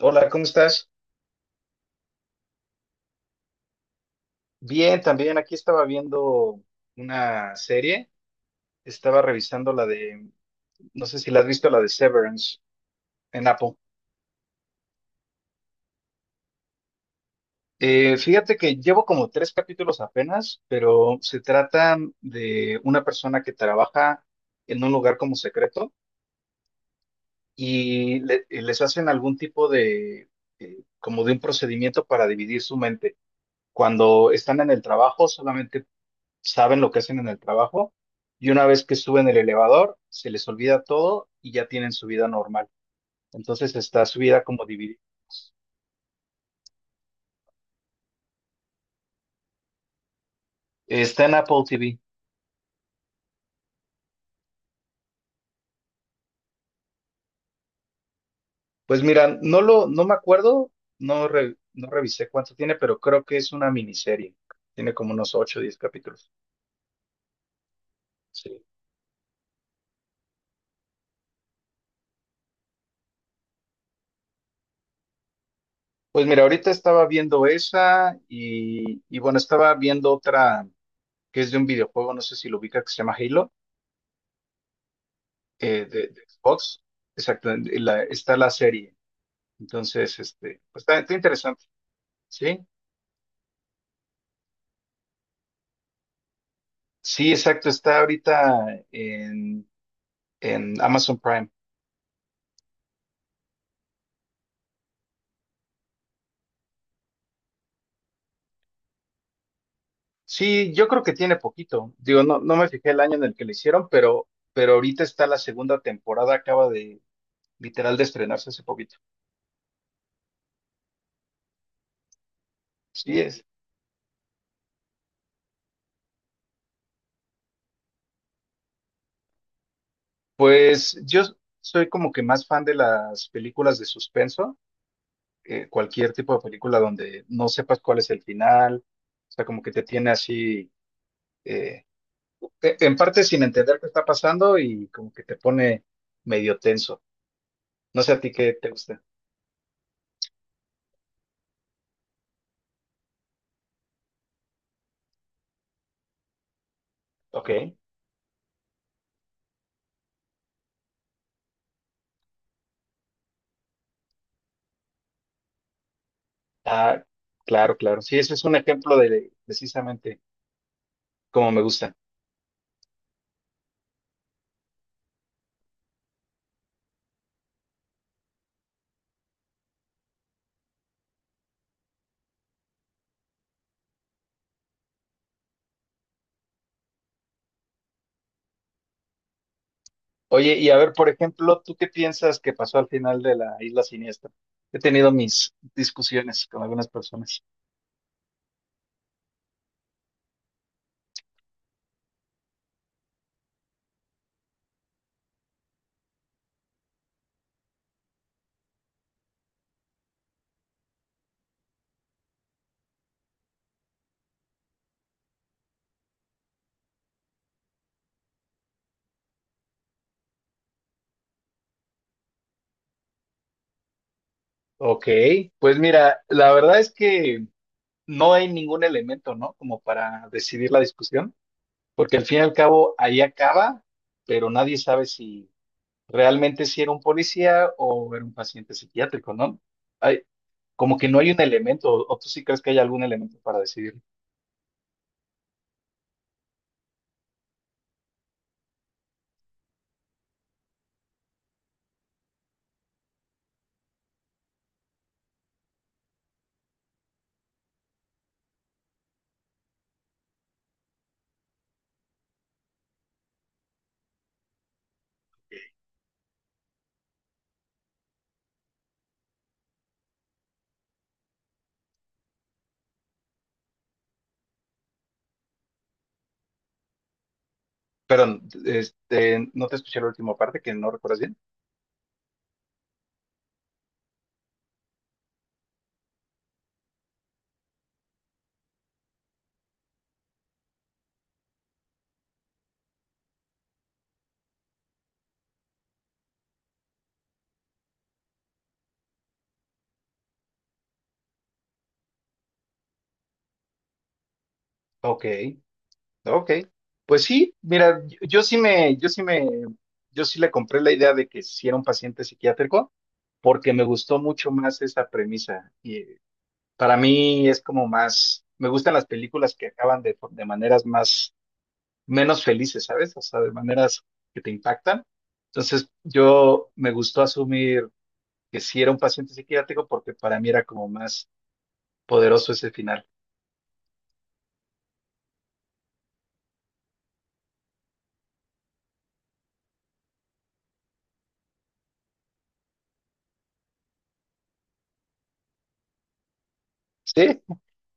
Hola, ¿cómo estás? Bien, también aquí estaba viendo una serie, estaba revisando la de, no sé si la has visto, la de Severance en Apple. Fíjate que llevo como tres capítulos apenas, pero se trata de una persona que trabaja en un lugar como secreto y y les hacen algún tipo de, como de un procedimiento para dividir su mente. Cuando están en el trabajo, solamente saben lo que hacen en el trabajo, y una vez que suben el elevador, se les olvida todo y ya tienen su vida normal. Entonces está su vida como dividida. Está en Apple TV. Pues mira, no me acuerdo, no, no revisé cuánto tiene, pero creo que es una miniserie. Tiene como unos 8 o 10 capítulos. Sí. Pues mira, ahorita estaba viendo esa y, bueno, estaba viendo otra que es de un videojuego, no sé si lo ubica, que se llama Halo, de Xbox. Exacto, está la serie. Entonces, este, pues está interesante, ¿sí? Sí, exacto, en Amazon Prime. Sí, yo creo que tiene poquito. Digo, no me fijé el año en el que lo hicieron, pero ahorita está la segunda temporada, acaba de literal de estrenarse hace poquito. Sí es. Pues yo soy como que más fan de las películas de suspenso, cualquier tipo de película donde no sepas cuál es el final, o sea, como que te tiene así. eh, en parte sin entender qué está pasando y como que te pone medio tenso. No sé a ti qué te gusta. Ok. Ah, claro, claro. Sí, ese es un ejemplo de precisamente cómo me gusta. Oye, y a ver, por ejemplo, ¿tú qué piensas que pasó al final de la Isla Siniestra? He tenido mis discusiones con algunas personas. Ok, pues mira, la verdad es que no hay ningún elemento, ¿no? Como para decidir la discusión, porque al fin y al cabo ahí acaba, pero nadie sabe si realmente si era un policía o era un paciente psiquiátrico, ¿no? Hay, como que no hay un elemento, o tú sí crees que hay algún elemento para decidir. Pero este, no te escuché la última parte, que no recuerdas bien. Ok, ok. Pues sí, mira, yo sí le compré la idea de que si era un paciente psiquiátrico, porque me gustó mucho más esa premisa. Y para mí es como más, me gustan las películas que acaban de maneras más menos felices, ¿sabes? O sea, de maneras que te impactan. Entonces, yo me gustó asumir que sí era un paciente psiquiátrico porque para mí era como más poderoso ese final. Sí,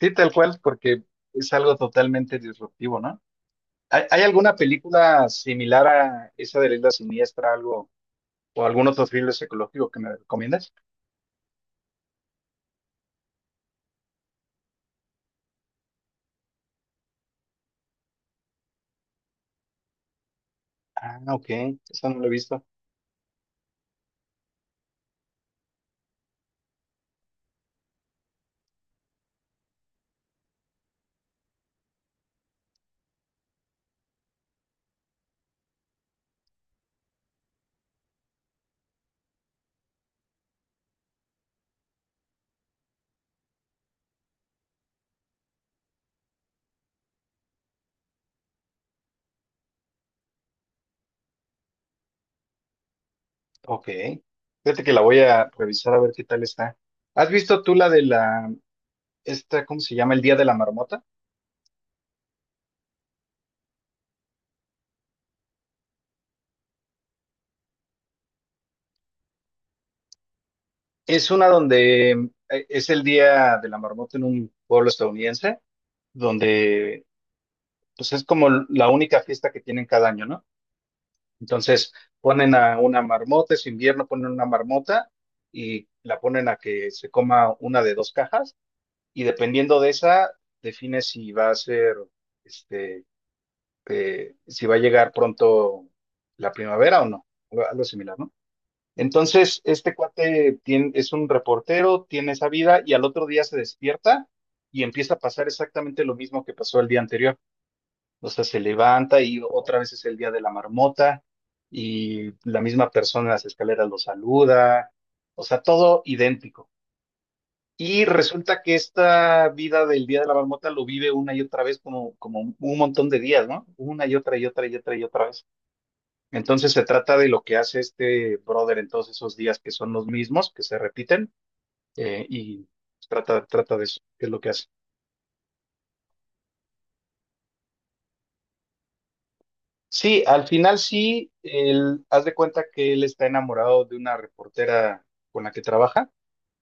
sí, tal cual, porque es algo totalmente disruptivo, ¿no? Hay alguna película similar a esa de la isla siniestra, algo, o algún otro thriller psicológico que me recomiendas? Ah, ok, esa no la he visto. Ok, fíjate que la voy a revisar a ver qué tal está. ¿Has visto tú la de la esta, ¿cómo se llama? El Día de la Marmota. Es una donde es el Día de la Marmota en un pueblo estadounidense, donde pues es como la única fiesta que tienen cada año, ¿no? Entonces ponen a una marmota, es invierno, ponen una marmota y la ponen a que se coma una de dos cajas y dependiendo de esa, define si va a ser, este, si va a llegar pronto la primavera o no, algo similar, ¿no? Entonces, este cuate es un reportero, tiene esa vida y al otro día se despierta y empieza a pasar exactamente lo mismo que pasó el día anterior. O sea, se levanta y otra vez es el día de la marmota y la misma persona en las escaleras lo saluda. O sea, todo idéntico. Y resulta que esta vida del día de la marmota lo vive una y otra vez como, como un montón de días, ¿no? Una y otra y otra y otra y otra vez. Entonces se trata de lo que hace este brother en todos esos días que son los mismos, que se repiten, eh, y trata, trata de eso, que es lo que hace. Sí, al final sí, él, haz de cuenta que él está enamorado de una reportera con la que trabaja.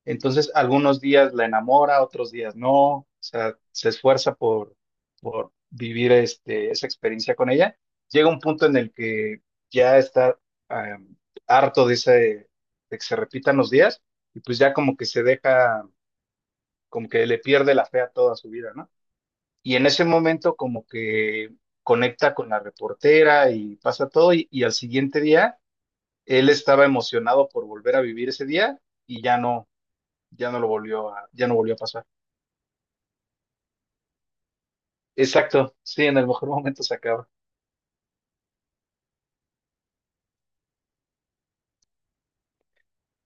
Entonces, algunos días la enamora, otros días no, o sea, por vivir esa experiencia con ella. Llega un punto en el que ya está em, harto de que se repitan los días y pues ya como que se deja, como que le pierde la fe a toda su vida, ¿no? Y en ese momento como que conecta con la reportera y pasa todo y al siguiente día él estaba emocionado por volver a vivir ese día y ya no ya no lo volvió ya no volvió a pasar. Exacto, sí, en el mejor momento se acaba.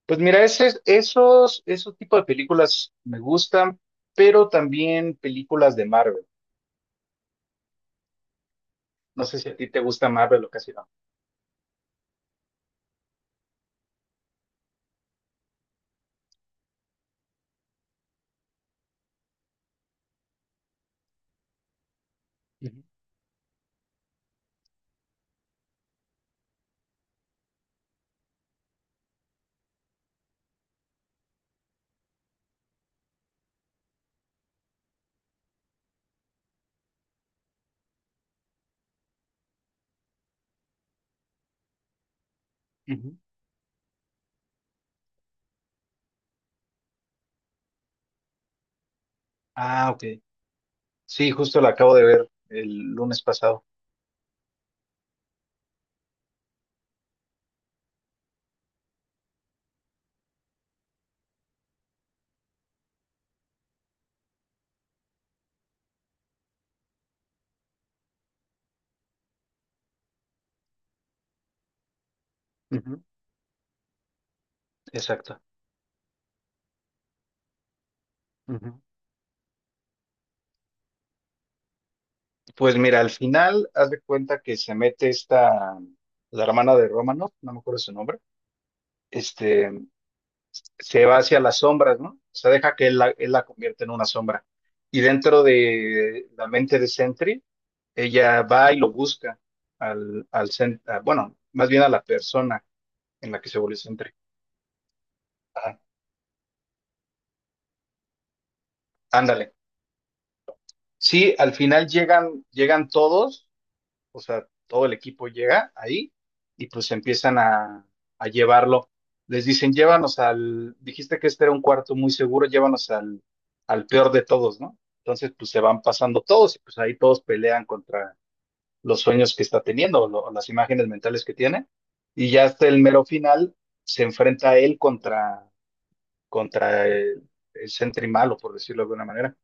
Pues mira, esos tipos de películas me gustan, pero también películas de Marvel. No sé si a ti te gusta Marvel o casi no. Ujú, ujú. Ah, ok. Sí, justo la acabo de ver el lunes pasado. Ujú. Exacto. Ujú. Pues mira, al final, haz de cuenta que se mete esta, la hermana de Romanoff, no me acuerdo su nombre, este, se va hacia las sombras, ¿no? O sea, deja que él la convierta en una sombra. Y dentro de la mente de Sentry, ella va y lo busca bueno, más bien a la persona en la que se volvió Sentry. Ajá. Ándale. Sí, al final llegan todos, o sea, todo el equipo llega ahí y pues empiezan a llevarlo. Les dicen, llévanos al, dijiste que este era un cuarto muy seguro, al peor de todos, ¿no? Entonces, pues se van pasando todos y pues ahí todos pelean contra los sueños que está teniendo, o las imágenes mentales que tiene. Y ya hasta el mero final se enfrenta a él contra el Sentry malo, por decirlo de alguna manera.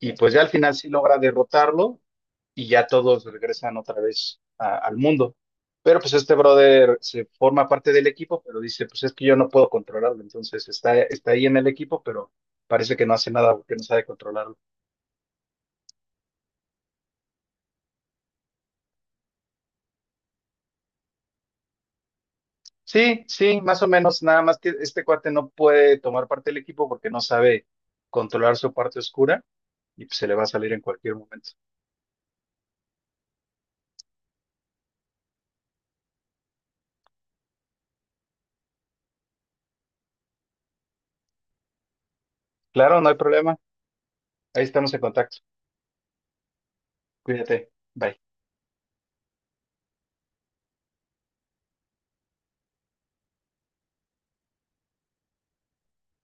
Y pues ya al final sí logra derrotarlo y ya todos regresan otra vez al mundo. Pero pues este brother se forma parte del equipo, pero dice, pues es que yo no puedo controlarlo. Entonces está ahí en el equipo, pero parece que no hace nada porque no sabe controlarlo. Sí, sí, más o menos, nada más que este cuate no puede tomar parte del equipo porque no sabe controlar su parte oscura y pues se le va a salir en cualquier momento. Claro, no hay problema. Ahí estamos en contacto. Cuídate. Bye.